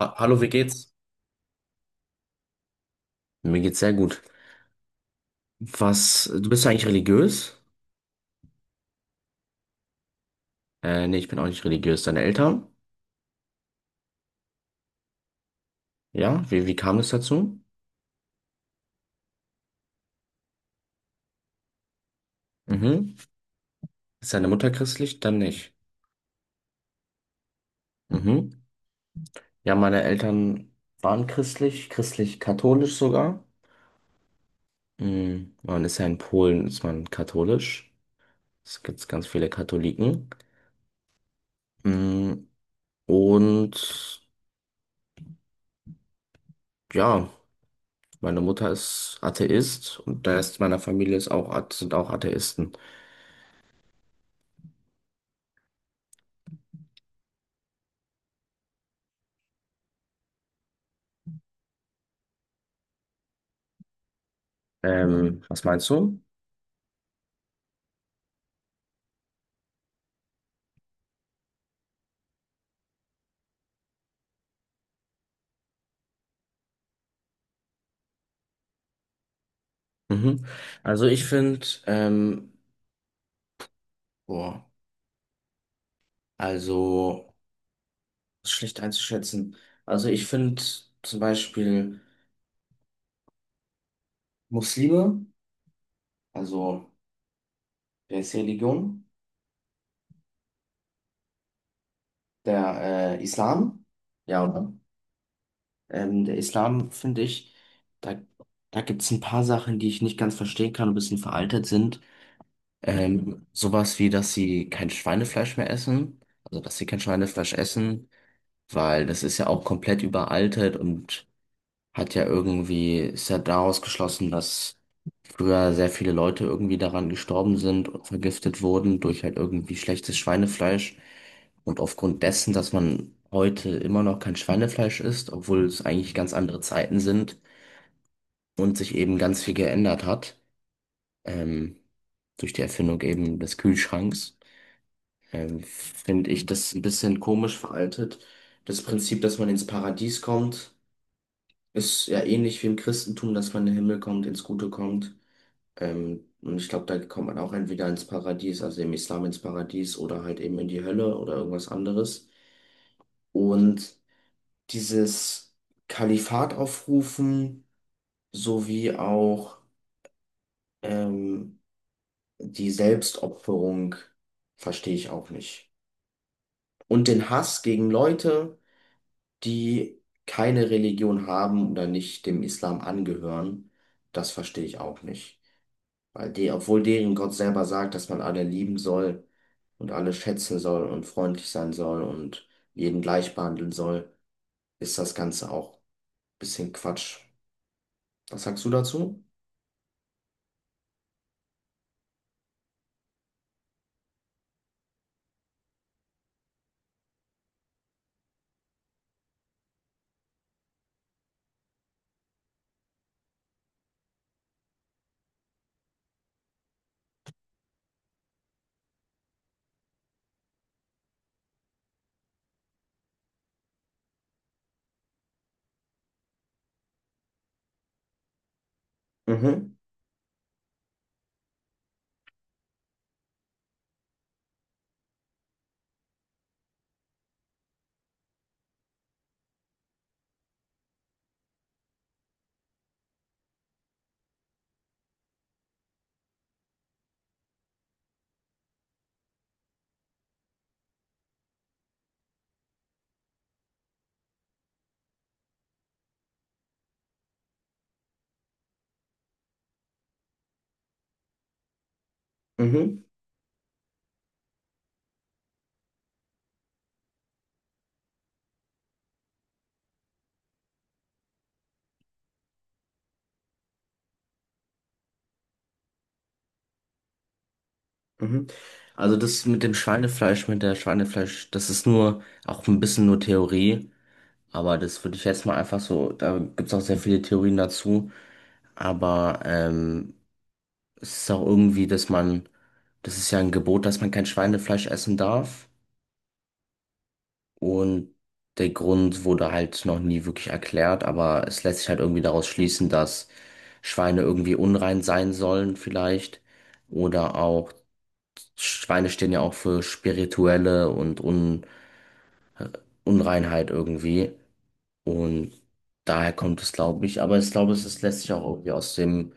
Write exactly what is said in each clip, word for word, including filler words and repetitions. Ha- Hallo, wie geht's? Mir geht's sehr gut. Was, du bist ja eigentlich religiös? Äh, nee, ich bin auch nicht religiös. Deine Eltern? Ja, wie, wie kam es dazu? Mhm. Ist deine Mutter christlich? Dann nicht. Mhm. Ja, meine Eltern waren christlich, christlich-katholisch sogar. Mhm. Man ist ja in Polen, ist man katholisch. Es gibt ganz viele Katholiken. Mhm. Und ja, meine Mutter ist Atheist und der Rest meiner Familie ist auch, Athe- sind auch Atheisten. Ähm, was meinst du? Mhm. Also ich finde, ähm, boah, also ist schlecht einzuschätzen. Also ich finde zum Beispiel Muslime, also der ist die Religion, der äh, Islam, ja, oder? Ähm, der Islam finde ich, da, da gibt es ein paar Sachen, die ich nicht ganz verstehen kann, ein bisschen veraltet sind. Ähm, sowas wie, dass sie kein Schweinefleisch mehr essen, also dass sie kein Schweinefleisch essen, weil das ist ja auch komplett überaltet und hat ja irgendwie, ist ja daraus geschlossen, dass früher sehr viele Leute irgendwie daran gestorben sind und vergiftet wurden durch halt irgendwie schlechtes Schweinefleisch. Und aufgrund dessen, dass man heute immer noch kein Schweinefleisch isst, obwohl es eigentlich ganz andere Zeiten sind und sich eben ganz viel geändert hat, ähm, durch die Erfindung eben des Kühlschranks, ähm, finde ich das ein bisschen komisch veraltet. Das Prinzip, dass man ins Paradies kommt, ist ja ähnlich wie im Christentum, dass man in den Himmel kommt, ins Gute kommt. Ähm, und ich glaube, da kommt man auch entweder ins Paradies, also im Islam ins Paradies oder halt eben in die Hölle oder irgendwas anderes. Und dieses Kalifat aufrufen sowie auch ähm, die Selbstopferung verstehe ich auch nicht. Und den Hass gegen Leute, die keine Religion haben oder nicht dem Islam angehören, das verstehe ich auch nicht. Weil die, obwohl deren Gott selber sagt, dass man alle lieben soll und alle schätzen soll und freundlich sein soll und jeden gleich behandeln soll, ist das Ganze auch ein bisschen Quatsch. Was sagst du dazu? Mhm, mhm, mhm. Also das mit dem Schweinefleisch, mit der Schweinefleisch, das ist nur auch ein bisschen nur Theorie, aber das würde ich jetzt mal einfach so, da gibt's auch sehr viele Theorien dazu, aber ähm, es ist auch irgendwie, dass man, das ist ja ein Gebot, dass man kein Schweinefleisch essen darf. Und der Grund wurde halt noch nie wirklich erklärt, aber es lässt sich halt irgendwie daraus schließen, dass Schweine irgendwie unrein sein sollen vielleicht. Oder auch Schweine stehen ja auch für spirituelle und Un Unreinheit irgendwie. Und daher kommt es, glaube ich. Aber ich glaube, es es lässt sich auch irgendwie aus dem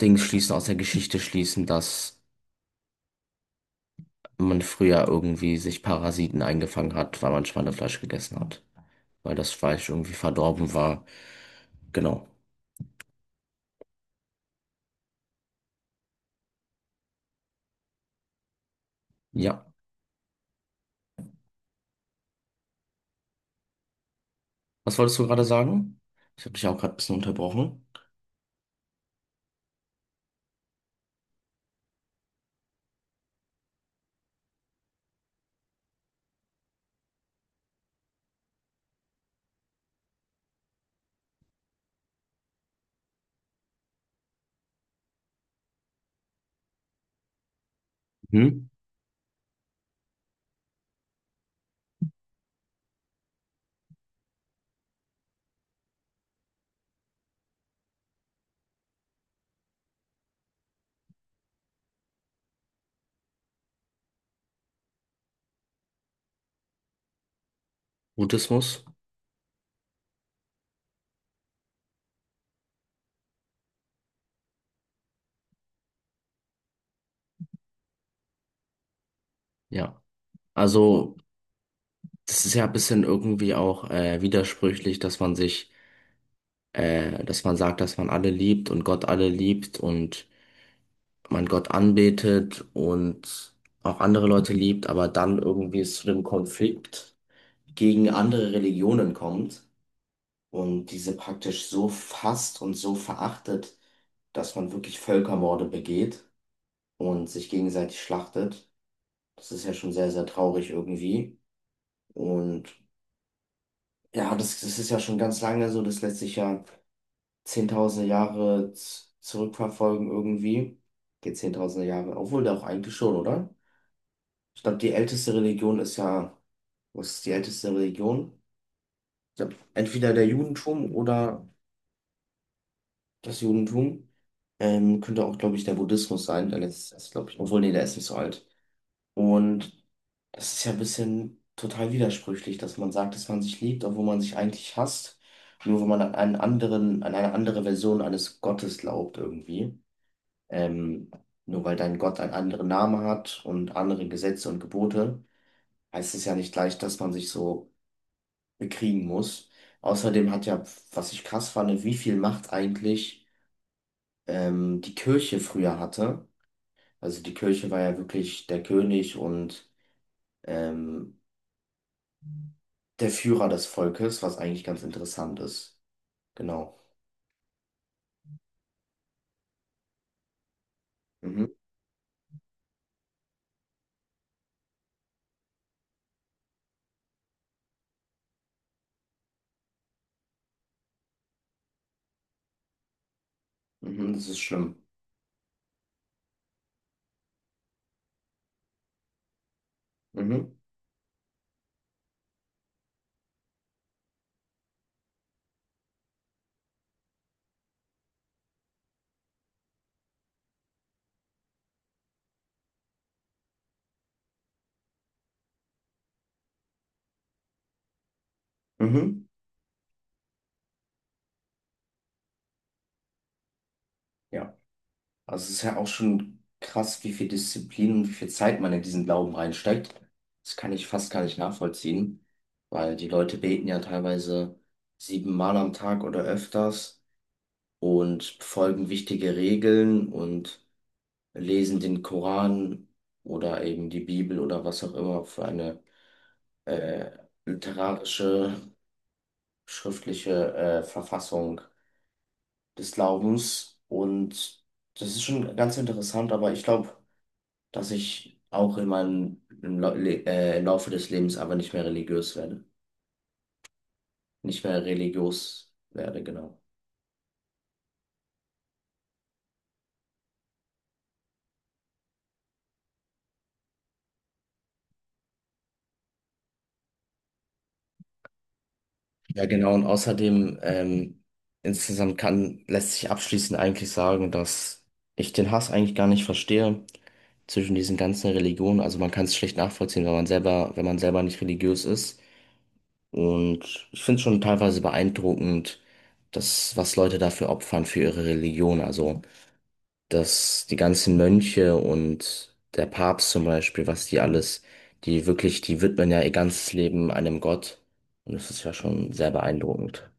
Ding schließen, aus der Geschichte schließen, dass man früher irgendwie sich Parasiten eingefangen hat, weil man Schweinefleisch gegessen hat. Weil das Fleisch irgendwie verdorben war. Genau. Ja. Was wolltest du gerade sagen? Ich habe dich auch gerade ein bisschen unterbrochen. Mhm. Buddhismus. Ja. Also, das ist ja ein bisschen irgendwie auch äh, widersprüchlich, dass man sich, äh, dass man sagt, dass man alle liebt und Gott alle liebt und man Gott anbetet und auch andere Leute liebt, aber dann irgendwie es zu dem Konflikt gegen andere Religionen kommt und diese praktisch so fasst und so verachtet, dass man wirklich Völkermorde begeht und sich gegenseitig schlachtet. Das ist ja schon sehr, sehr traurig irgendwie. Und ja, das, das ist ja schon ganz lange so, das lässt sich ja zehntausende Jahre z- zurückverfolgen irgendwie. Geht zehntausende Jahre, obwohl da auch eigentlich schon, oder? Ich glaube, die älteste Religion ist ja, was ist die älteste Religion? Ich glaube, entweder der Judentum oder das Judentum. Ähm, könnte auch, glaube ich, der Buddhismus sein, der letzte, glaube ich, obwohl, nee, der ist nicht so alt. Und das ist ja ein bisschen total widersprüchlich, dass man sagt, dass man sich liebt, obwohl man sich eigentlich hasst, nur wenn man an einen anderen, an eine andere Version eines Gottes glaubt irgendwie. Ähm, nur weil dein Gott einen anderen Namen hat und andere Gesetze und Gebote, heißt es ja nicht gleich, dass man sich so bekriegen muss. Außerdem hat ja, was ich krass fand, wie viel Macht eigentlich ähm, die Kirche früher hatte. Also die Kirche war ja wirklich der König und ähm, der Führer des Volkes, was eigentlich ganz interessant ist. Genau. Mhm. Mhm, das ist schlimm. Mhm. Mhm. Ja. Also es ist ja auch schon krass, wie viel Disziplin und wie viel Zeit man in diesen Glauben reinsteckt. Das kann ich fast gar nicht nachvollziehen, weil die Leute beten ja teilweise siebenmal am Tag oder öfters und folgen wichtige Regeln und lesen den Koran oder eben die Bibel oder was auch immer für eine äh, literarische schriftliche äh, Verfassung des Glaubens. Und das ist schon ganz interessant, aber ich glaube, dass ich auch in meinem im, Lau- Le äh, im Laufe des Lebens aber nicht mehr religiös werde. Nicht mehr religiös werde, genau. Ja, genau. Und außerdem, ähm, insgesamt kann, lässt sich abschließend eigentlich sagen, dass ich den Hass eigentlich gar nicht verstehe zwischen diesen ganzen Religionen. Also man kann es schlecht nachvollziehen, wenn man selber, wenn man selber nicht religiös ist. Und ich finde es schon teilweise beeindruckend, dass, was Leute dafür opfern für ihre Religion. Also, dass die ganzen Mönche und der Papst zum Beispiel, was die alles, die wirklich, die widmen ja ihr ganzes Leben einem Gott. Und das ist ja schon sehr beeindruckend.